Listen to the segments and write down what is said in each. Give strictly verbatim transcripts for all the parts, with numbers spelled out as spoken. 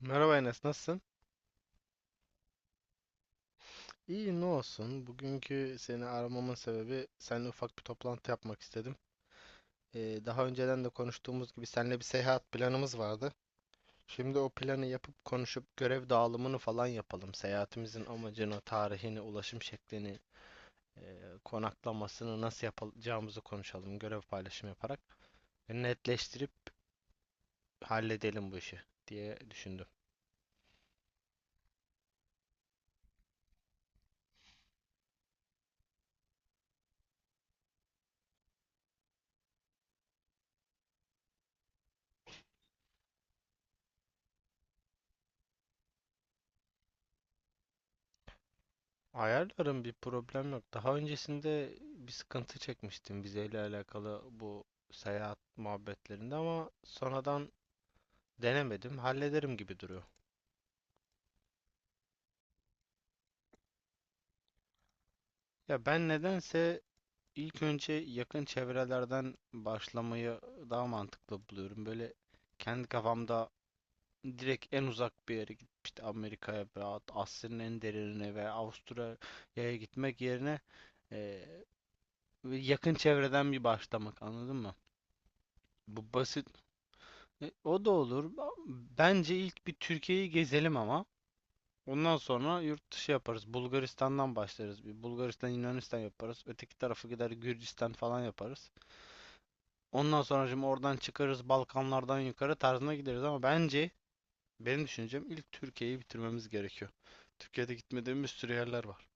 Merhaba Enes, nasılsın? İyi, ne olsun. Bugünkü seni aramamın sebebi seninle ufak bir toplantı yapmak istedim. Ee, daha önceden de konuştuğumuz gibi seninle bir seyahat planımız vardı. Şimdi o planı yapıp konuşup görev dağılımını falan yapalım. Seyahatimizin amacını, tarihini, ulaşım şeklini, e, konaklamasını nasıl yapacağımızı konuşalım. Görev paylaşımı yaparak netleştirip halledelim bu işi diye düşündüm. Ayarlarım, bir problem yok. Daha öncesinde bir sıkıntı çekmiştim vizeyle alakalı bu seyahat muhabbetlerinde ama sonradan denemedim. Hallederim gibi duruyor. Ya ben nedense ilk önce yakın çevrelerden başlamayı daha mantıklı buluyorum. Böyle kendi kafamda direkt en uzak bir yere gidip işte Amerika'ya veya Asya'nın en derinine veya Avustralya'ya gitmek yerine eee, yakın çevreden bir başlamak, anladın mı? Bu basit. E, o da olur. Bence ilk bir Türkiye'yi gezelim ama. Ondan sonra yurt dışı yaparız. Bulgaristan'dan başlarız. Bir Bulgaristan, Yunanistan yaparız. Öteki tarafı gider Gürcistan falan yaparız. Ondan sonra şimdi oradan çıkarız, Balkanlardan yukarı tarzına gideriz, ama bence, benim düşüncem, ilk Türkiye'yi bitirmemiz gerekiyor. Türkiye'de gitmediğimiz bir sürü yerler var.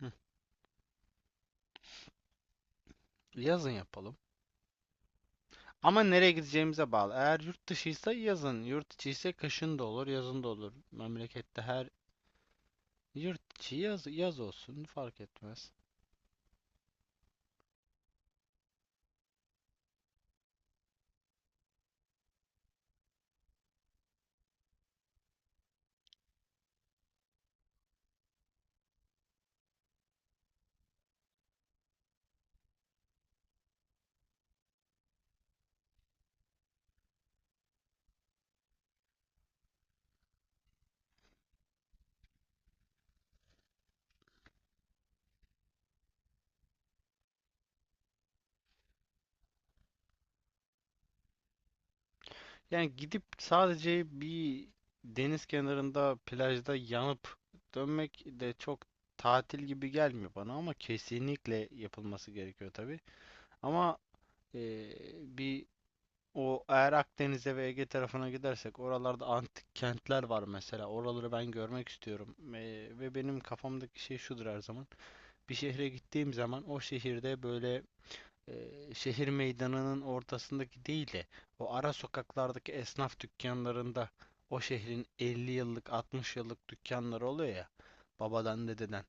Hı. Yazın yapalım. Ama nereye gideceğimize bağlı. Eğer yurt dışıysa yazın, yurt içiyse kışın da olur, yazın da olur. Memlekette her. Yurt içi yaz, yaz olsun fark etmez. Yani gidip sadece bir deniz kenarında plajda yanıp dönmek de çok tatil gibi gelmiyor bana, ama kesinlikle yapılması gerekiyor tabii. Ama eee, bir o eğer Akdeniz'e ve Ege tarafına gidersek oralarda antik kentler var mesela. Oraları ben görmek istiyorum. Eee, ve benim kafamdaki şey şudur her zaman. Bir şehre gittiğim zaman o şehirde böyle e, şehir meydanının ortasındaki değil de o ara sokaklardaki esnaf dükkanlarında, o şehrin elli yıllık altmış yıllık dükkanları oluyor ya, babadan dededen.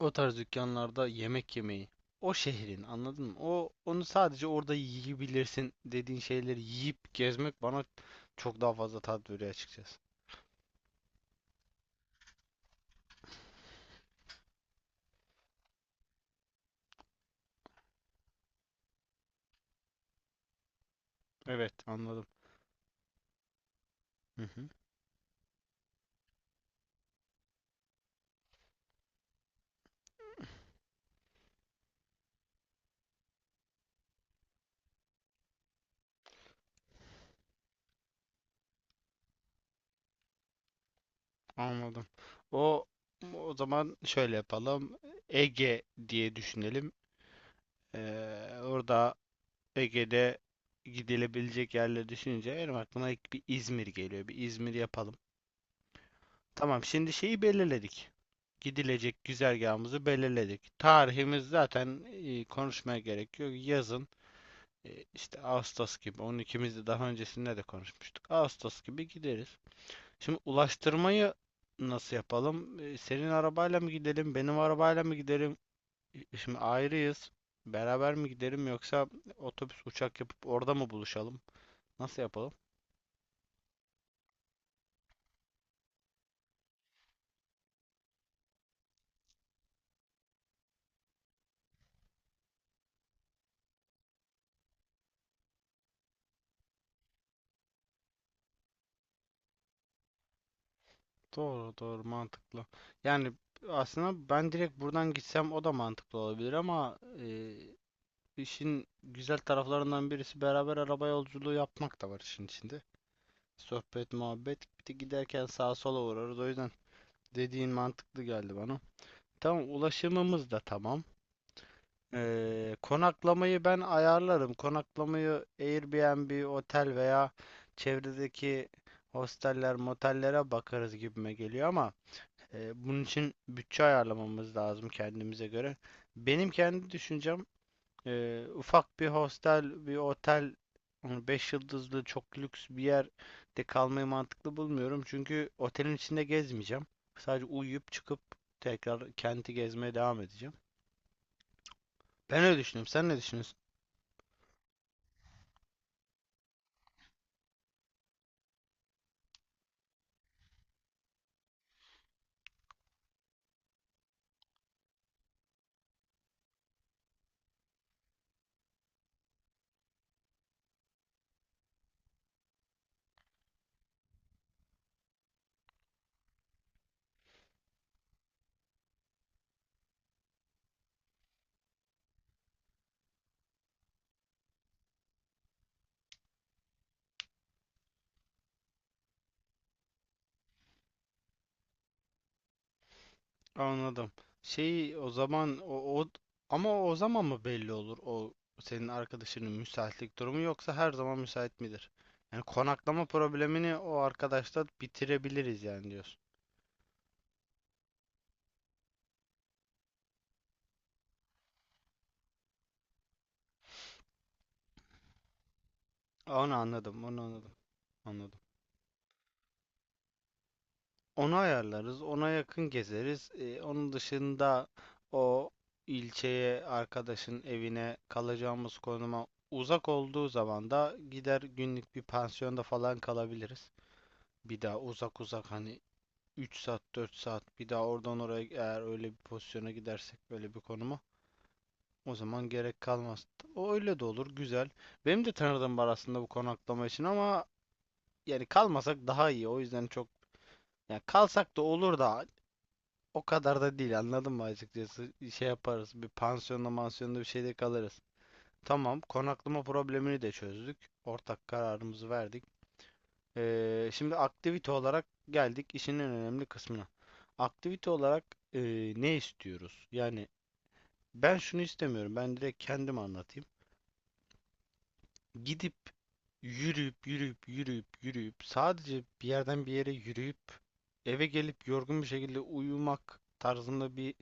O tarz dükkanlarda yemek yemeyi, o şehrin, anladın mı? O, onu sadece orada yiyebilirsin dediğin şeyleri yiyip gezmek bana çok daha fazla tat veriyor açıkçası. Evet, anladım. Hı hı, anladım. O o zaman şöyle yapalım. Ege diye düşünelim. Ee, orada, Ege'de, gidilebilecek yerleri düşününce benim aklıma ilk bir İzmir geliyor. Bir İzmir yapalım. Tamam, şimdi şeyi belirledik. Gidilecek güzergahımızı belirledik. Tarihimiz zaten, e, konuşmaya gerek yok. Yazın, e, işte Ağustos gibi. Onun ikimiz de daha öncesinde de konuşmuştuk. Ağustos gibi gideriz. Şimdi ulaştırmayı nasıl yapalım? E, Senin arabayla mı gidelim? Benim arabayla mı gidelim? E, Şimdi ayrıyız. Beraber mi gidelim yoksa otobüs, uçak yapıp orada mı buluşalım? Nasıl yapalım? Doğru, doğru, mantıklı. Yani aslında ben direkt buradan gitsem o da mantıklı olabilir ama e, işin güzel taraflarından birisi beraber araba yolculuğu yapmak da var işin içinde. Sohbet, muhabbet. Bir de giderken sağa sola uğrarız. O yüzden dediğin mantıklı geldi bana. Tamam, ulaşımımız da tamam. E, konaklamayı ben ayarlarım. Konaklamayı Airbnb, otel veya çevredeki hosteller, motellere bakarız gibime geliyor ama, Ee, bunun için bütçe ayarlamamız lazım kendimize göre. Benim kendi düşüncem, e, ufak bir hostel, bir otel, hani beş yıldızlı çok lüks bir yerde kalmayı mantıklı bulmuyorum. Çünkü otelin içinde gezmeyeceğim. Sadece uyuyup çıkıp tekrar kenti gezmeye devam edeceğim. Ben öyle düşünüyorum. Sen ne düşünüyorsun? Anladım. Şey, o zaman o, o ama o zaman mı belli olur, o senin arkadaşının müsaitlik durumu yoksa her zaman müsait midir? Yani konaklama problemini o arkadaşla bitirebiliriz yani diyorsun. Onu anladım, onu anladım, anladım. Onu ayarlarız, ona yakın gezeriz. Ee, onun dışında o ilçeye, arkadaşın evine, kalacağımız konuma uzak olduğu zaman da gider günlük bir pansiyonda falan kalabiliriz. Bir daha uzak uzak hani üç saat dört saat bir daha oradan oraya, eğer öyle bir pozisyona gidersek, böyle bir konuma, o zaman gerek kalmaz. O öyle de olur, güzel. Benim de tanıdığım var aslında bu konaklama için ama yani kalmasak daha iyi. O yüzden çok, yani kalsak da olur da o kadar da değil, anladın mı, açıkçası? Şey yaparız, bir pansiyonda mansiyonda bir şeyde kalırız. Tamam, konaklama problemini de çözdük. Ortak kararımızı verdik. Ee, şimdi aktivite olarak geldik işin en önemli kısmına. Aktivite olarak e, ne istiyoruz? Yani ben şunu istemiyorum. Ben direkt kendim anlatayım. Gidip yürüyüp yürüyüp yürüyüp yürüyüp sadece bir yerden bir yere yürüyüp eve gelip yorgun bir şekilde uyumak tarzında bir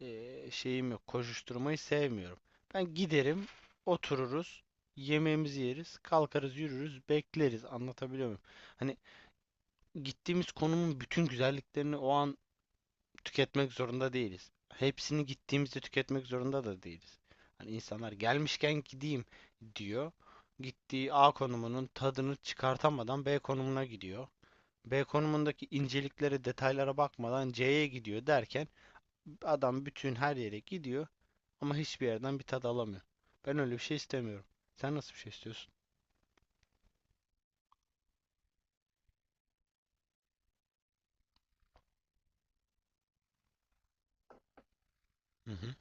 e, şeyim yok. Koşuşturmayı sevmiyorum. Ben giderim, otururuz, yemeğimizi yeriz, kalkarız, yürürüz, bekleriz. Anlatabiliyor muyum? Hani gittiğimiz konumun bütün güzelliklerini o an tüketmek zorunda değiliz. Hepsini gittiğimizde tüketmek zorunda da değiliz. Hani insanlar gelmişken gideyim diyor. Gittiği A konumunun tadını çıkartamadan B konumuna gidiyor. B konumundaki inceliklere, detaylara bakmadan C'ye gidiyor derken adam bütün her yere gidiyor ama hiçbir yerden bir tad alamıyor. Ben öyle bir şey istemiyorum. Sen nasıl bir şey istiyorsun? Hı hı,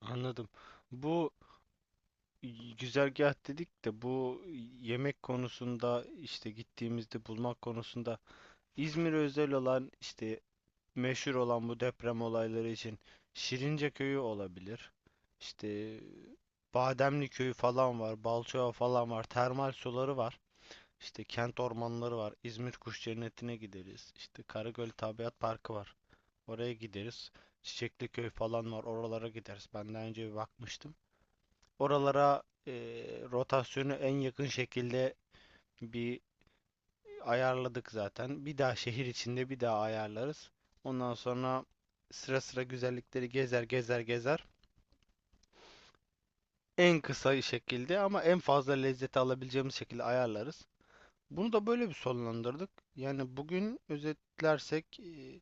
anladım. Bu y- güzergah dedik de, bu yemek konusunda, işte gittiğimizde bulmak konusunda, İzmir özel olan, işte meşhur olan, bu deprem olayları için Şirince köyü olabilir. İşte Bademli köyü falan var, Balçova falan var, termal suları var. İşte kent ormanları var. İzmir Kuş Cenneti'ne gideriz. İşte Karagöl Tabiat Parkı var. Oraya gideriz. Çiçekli köy falan var. Oralara gideriz. Ben daha önce bir bakmıştım. Oralara e, rotasyonu en yakın şekilde bir ayarladık zaten. Bir daha şehir içinde bir daha ayarlarız. Ondan sonra sıra sıra güzellikleri gezer gezer gezer. En kısa şekilde ama en fazla lezzeti alabileceğimiz şekilde ayarlarız. Bunu da böyle bir sonlandırdık. Yani bugün özetlersek e,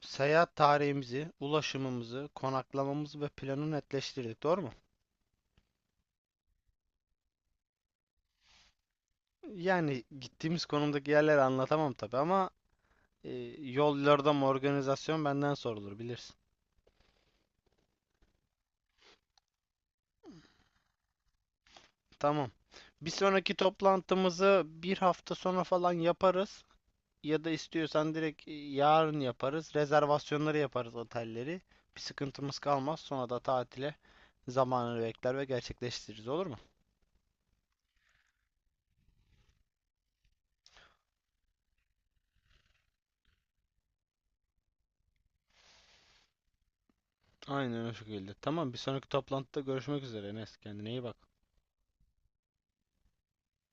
seyahat tarihimizi, ulaşımımızı, konaklamamızı ve planı netleştirdik. Doğru mu? Yani gittiğimiz konumdaki yerleri anlatamam tabii ama, Ee, yol yordam organizasyon benden sorulur bilirsin. Tamam. Bir sonraki toplantımızı bir hafta sonra falan yaparız. Ya da istiyorsan direkt e, yarın yaparız. Rezervasyonları yaparız, otelleri. Bir sıkıntımız kalmaz. Sonra da tatile zamanını bekler ve gerçekleştiririz, olur mu? Aynen o şekilde. Tamam, bir sonraki toplantıda görüşmek üzere Enes. Kendine iyi bak.